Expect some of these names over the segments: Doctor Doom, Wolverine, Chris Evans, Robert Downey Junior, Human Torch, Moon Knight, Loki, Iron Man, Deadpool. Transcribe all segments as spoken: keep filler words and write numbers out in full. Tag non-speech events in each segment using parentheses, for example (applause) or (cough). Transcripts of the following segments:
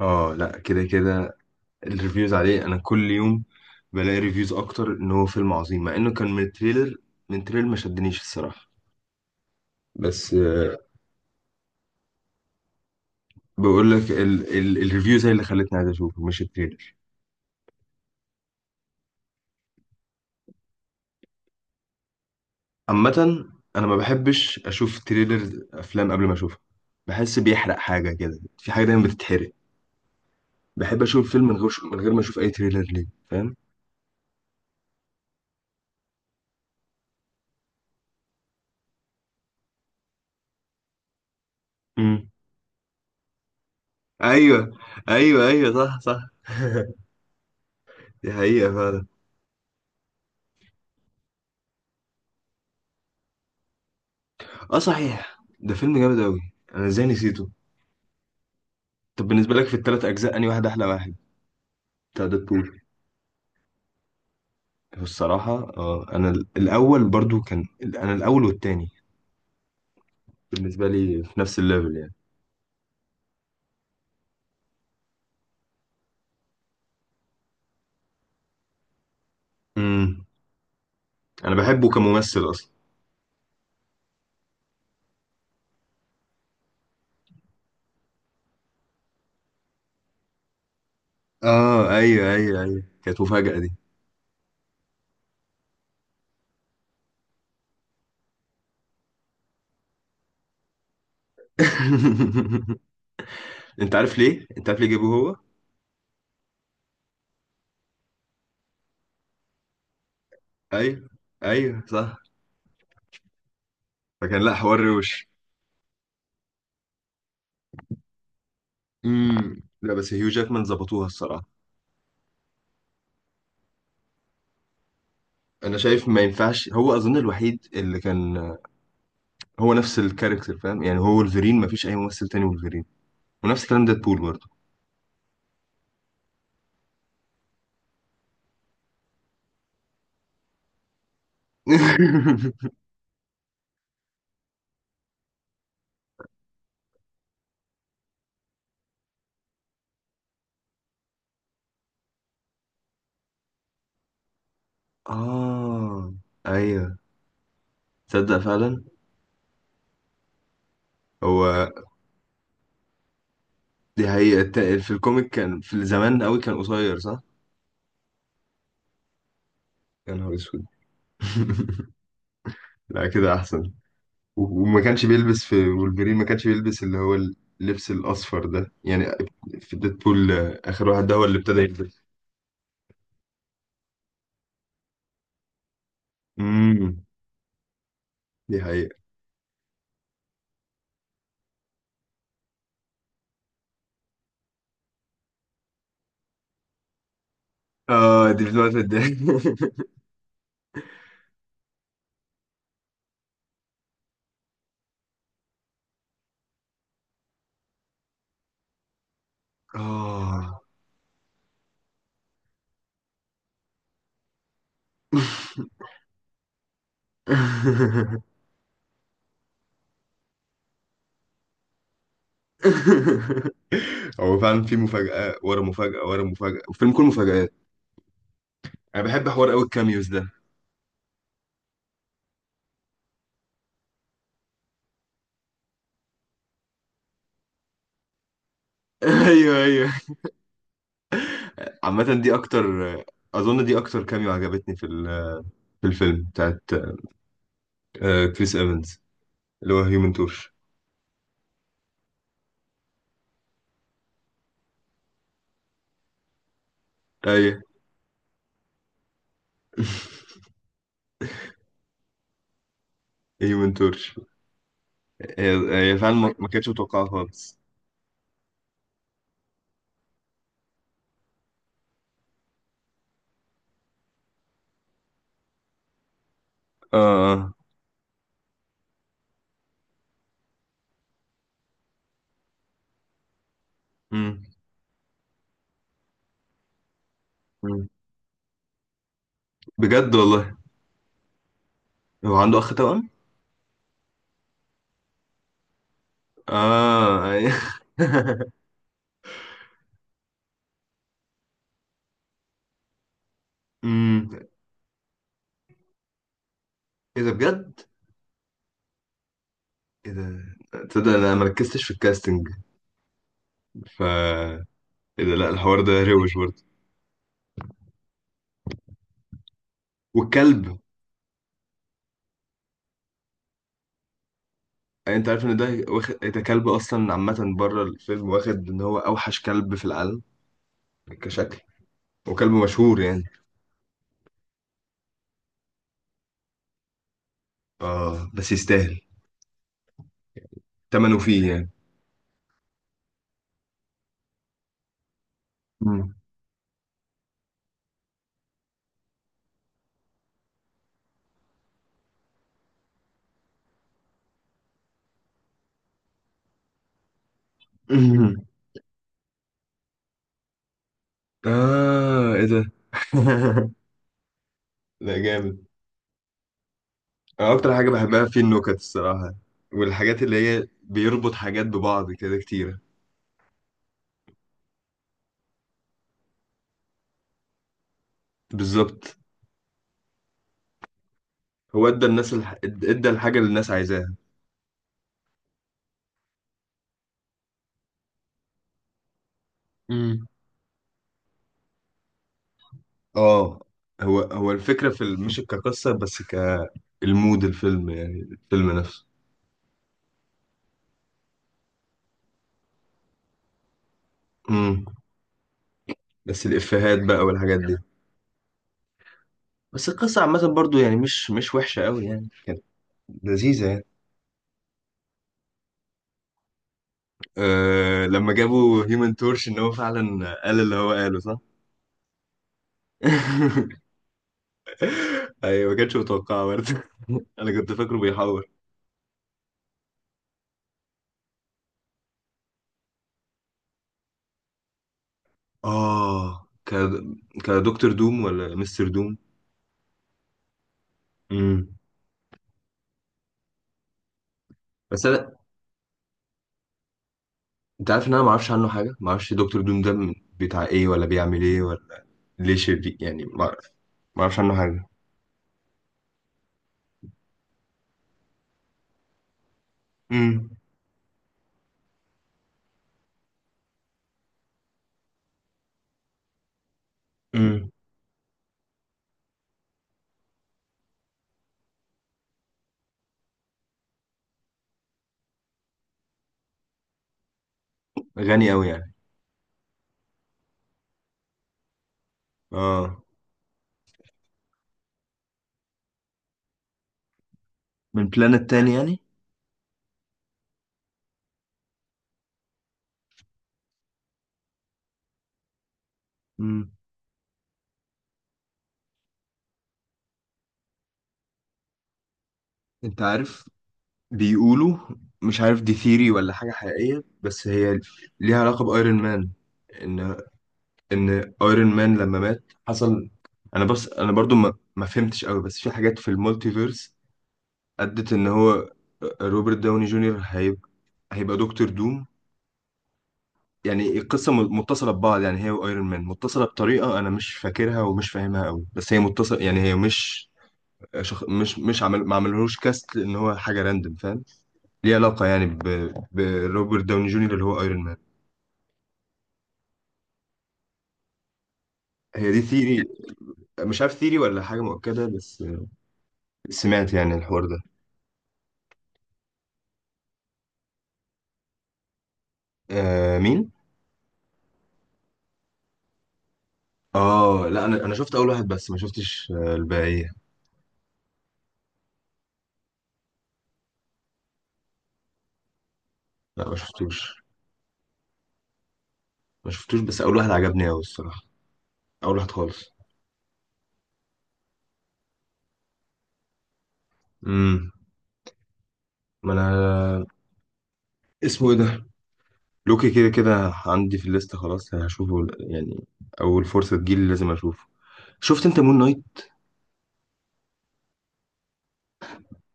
اه، لا كده كده. الريفيوز عليه، انا كل يوم بلاقي ريفيوز اكتر ان هو فيلم عظيم، مع انه كان من التريلر. من التريلر ما شدنيش الصراحه بس آه، بقول لك ال ال الريفيوز هي اللي خلتني عايز اشوفه، مش التريلر. عامه انا ما بحبش اشوف تريلر افلام قبل ما اشوفها. بحس بيحرق حاجه، كده في حاجه دايما بتتحرق. بحب اشوف فيلم من غير من غير ما اشوف اي تريلر ليه، فاهم؟ امم ايوه، ايوه، ايوه، صح، صح. (laughs) دي حقيقه فعلا. اه صحيح، ده فيلم جامد قوي. انا ازاي نسيته؟ طب بالنسبه لك في الثلاث اجزاء، انهي واحد احلى واحد بتاع ديدبول؟ الصراحه اه، انا ال- الاول برضو، كان انا الاول والتاني بالنسبه لي في نفس الليفل يعني. امم انا بحبه كممثل اصلا. اه ايوه، ايوه، ايوه، كانت مفاجاه دي. (laughs) انت عارف ليه، انت عارف ليه جابوه هو؟ ايوه، ايوه صح. فكان لا، حوار روش. امم لا بس هيو جاكمان ظبطوها الصراحه. انا شايف ما ينفعش، هو اظن الوحيد اللي كان هو نفس الكاركتر، فاهم يعني؟ هو ولفرين، مفيش اي ممثل تاني ولفرين. ونفس الكلام ديد بول برضه. (laughs) اه، ايوه، تصدق فعلا. هو دي حقيقة الت- في الكوميك كان في الزمان قوي، كان قصير صح؟ يا نهار اسود. (laughs) لا كده احسن. و- وما كانش بيلبس في ولفرين، ما كانش بيلبس اللي هو اللبس الاصفر ده يعني. في ديدبول آه، اخر واحد ده هو اللي ابتدى يلبس. امم دي حقيقة. اه دي بتموت الضحك. (laughs) اه. (laughs) (laughs) هو فعلا في مفاجأة ورا مفاجأة ورا مفاجأة، والفيلم كله مفاجآت. انا بحب حوار قوي الكاميوز ده. (laughs) ايوه، ايوه. عامة دي اكتر، اظن دي اكتر كاميو عجبتني في ال- في الفيلم بتاعت آه، كريس ايفنز، اللي هو هيومن تورش. ايوه. (laughs) هيومن تورش. هي هي فعلا ما ما كانتش متوقعة خالص. اه، اه. أمم، أمم. بجد والله، هو عنده اخ توأم؟ اه، أيوة. (laughs) امم ايه ده بجد! ايه ده! تصدق انا ما ركزتش في الكاستنج. ف ايه ده، لا الحوار ده روش برضه. والكلب، انت عارف ان ده واخد، إيه ده كلب اصلا عامه بره الفيلم واخد ان هو اوحش كلب في العالم، كشكل. وكلب مشهور يعني. اه بس يستاهل ثمنه فيه يعني. مم. (laughs) اه ايه ده. (laughs) لا جامد. انا اكتر حاجه بحبها فيه النكت الصراحه، والحاجات اللي هي بيربط حاجات ببعض كده كتيره. بالظبط، هو ادى الناس الح... ادى الحاجه اللي الناس عايزاها. اه هو هو الفكرة في ال- مش كقصة بس، كالمود الفيلم يعني الفيلم نفسه. امم بس الإفيهات بقى والحاجات دي. بس القصة عامة برضو يعني مش مش وحشة قوي يعني، كانت لذيذة يعني. أه لما جابوا هيومن تورش، ان هو فعلا قال اللي هو قاله صح؟ (laughs) ايوه، ما كانش متوقعه برضه. (laughs) انا كنت فاكره بيحور. اه، ك كدكتور دوم ولا مستر دوم؟ امم بس انت عارف ان انا ما اعرفش عنه حاجه، ما اعرفش دكتور دوم ده من- بتاع ايه، ولا بيعمل ايه، ولا ليه شرير يعني، ما اعرف. ما اعرفش عنه حاجه. امم امم غني قوي يعني. اه. من بلانت تاني يعني؟ امم انت عارف بيقولوا، مش عارف دي ثيري ولا حاجه حقيقيه، بس هي ليها علاقه بايرون مان. ان ان ايرون مان لما مات حصل، انا بس انا برضو ما, ما فهمتش قوي، بس في حاجات في المالتيفيرس ادت ان هو آه، روبرت داوني جونيور هيبقى، هيبقى دكتور دوم. يعني القصة م- متصلة ببعض يعني، هي وايرون مان متصلة بطريقة انا مش فاكرها ومش فاهمها قوي، بس هي متصلة يعني. هي مش شخ... مش مش عمل، ما عملهوش كاست ان هو حاجة راندم، فاهم؟ ليه علاقة يعني ب... بروبرت داوني جونيور اللي هو ايرون مان. هي دي ثيري، مش عارف ثيري ولا حاجة مؤكدة، بس سمعت يعني الحوار ده. آه مين؟ اه لا، انا انا شفت اول واحد بس، ما شفتش آه، الباقية. لا ما شفتوش، ما شفتوش، بس اول واحد عجبني قوي الصراحة، اول واحد خالص. امم ما انا، اسمه ايه ده، لوكي، كده كده عندي في الليسته، خلاص هشوفه يعني. اول فرصه تجيلي لازم اشوفه. شفت انت مون نايت؟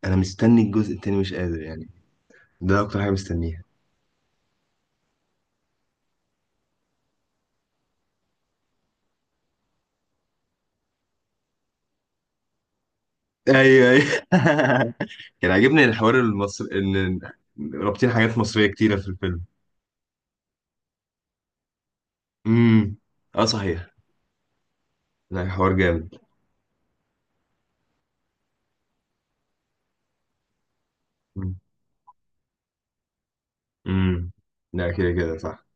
انا مستني الجزء التاني، مش قادر يعني، ده اكتر حاجه مستنيها. ايوه، ايوه. (laughs) كان عاجبني الحوار المصري، ان رابطين حاجات مصريه كتيره في الفيلم. امم اه صحيح، لا حوار جامد. امم لا كده كده صح.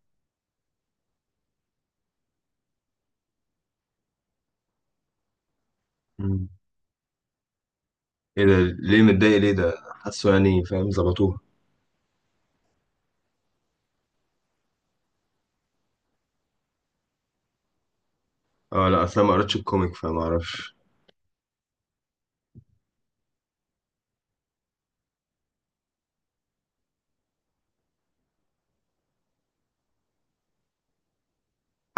مم. ايه ده، ليه متضايق، ليه ده حاسه يعني، فاهم ظبطوها. اه لا، اصل أنا ما قريتش الكوميك فما اعرفش.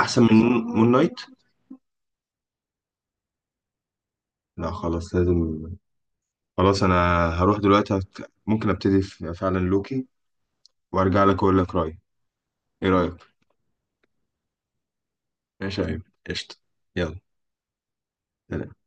احسن من مون نايت؟ لا خلاص لازم. خلاص انا هروح دلوقتي هت- ممكن ابتدي في- فعلا لوكي، وارجع لك اقول لك رايي. ايه رايك؟ ماشي يا ايمن، قشطه، يلا، سلام.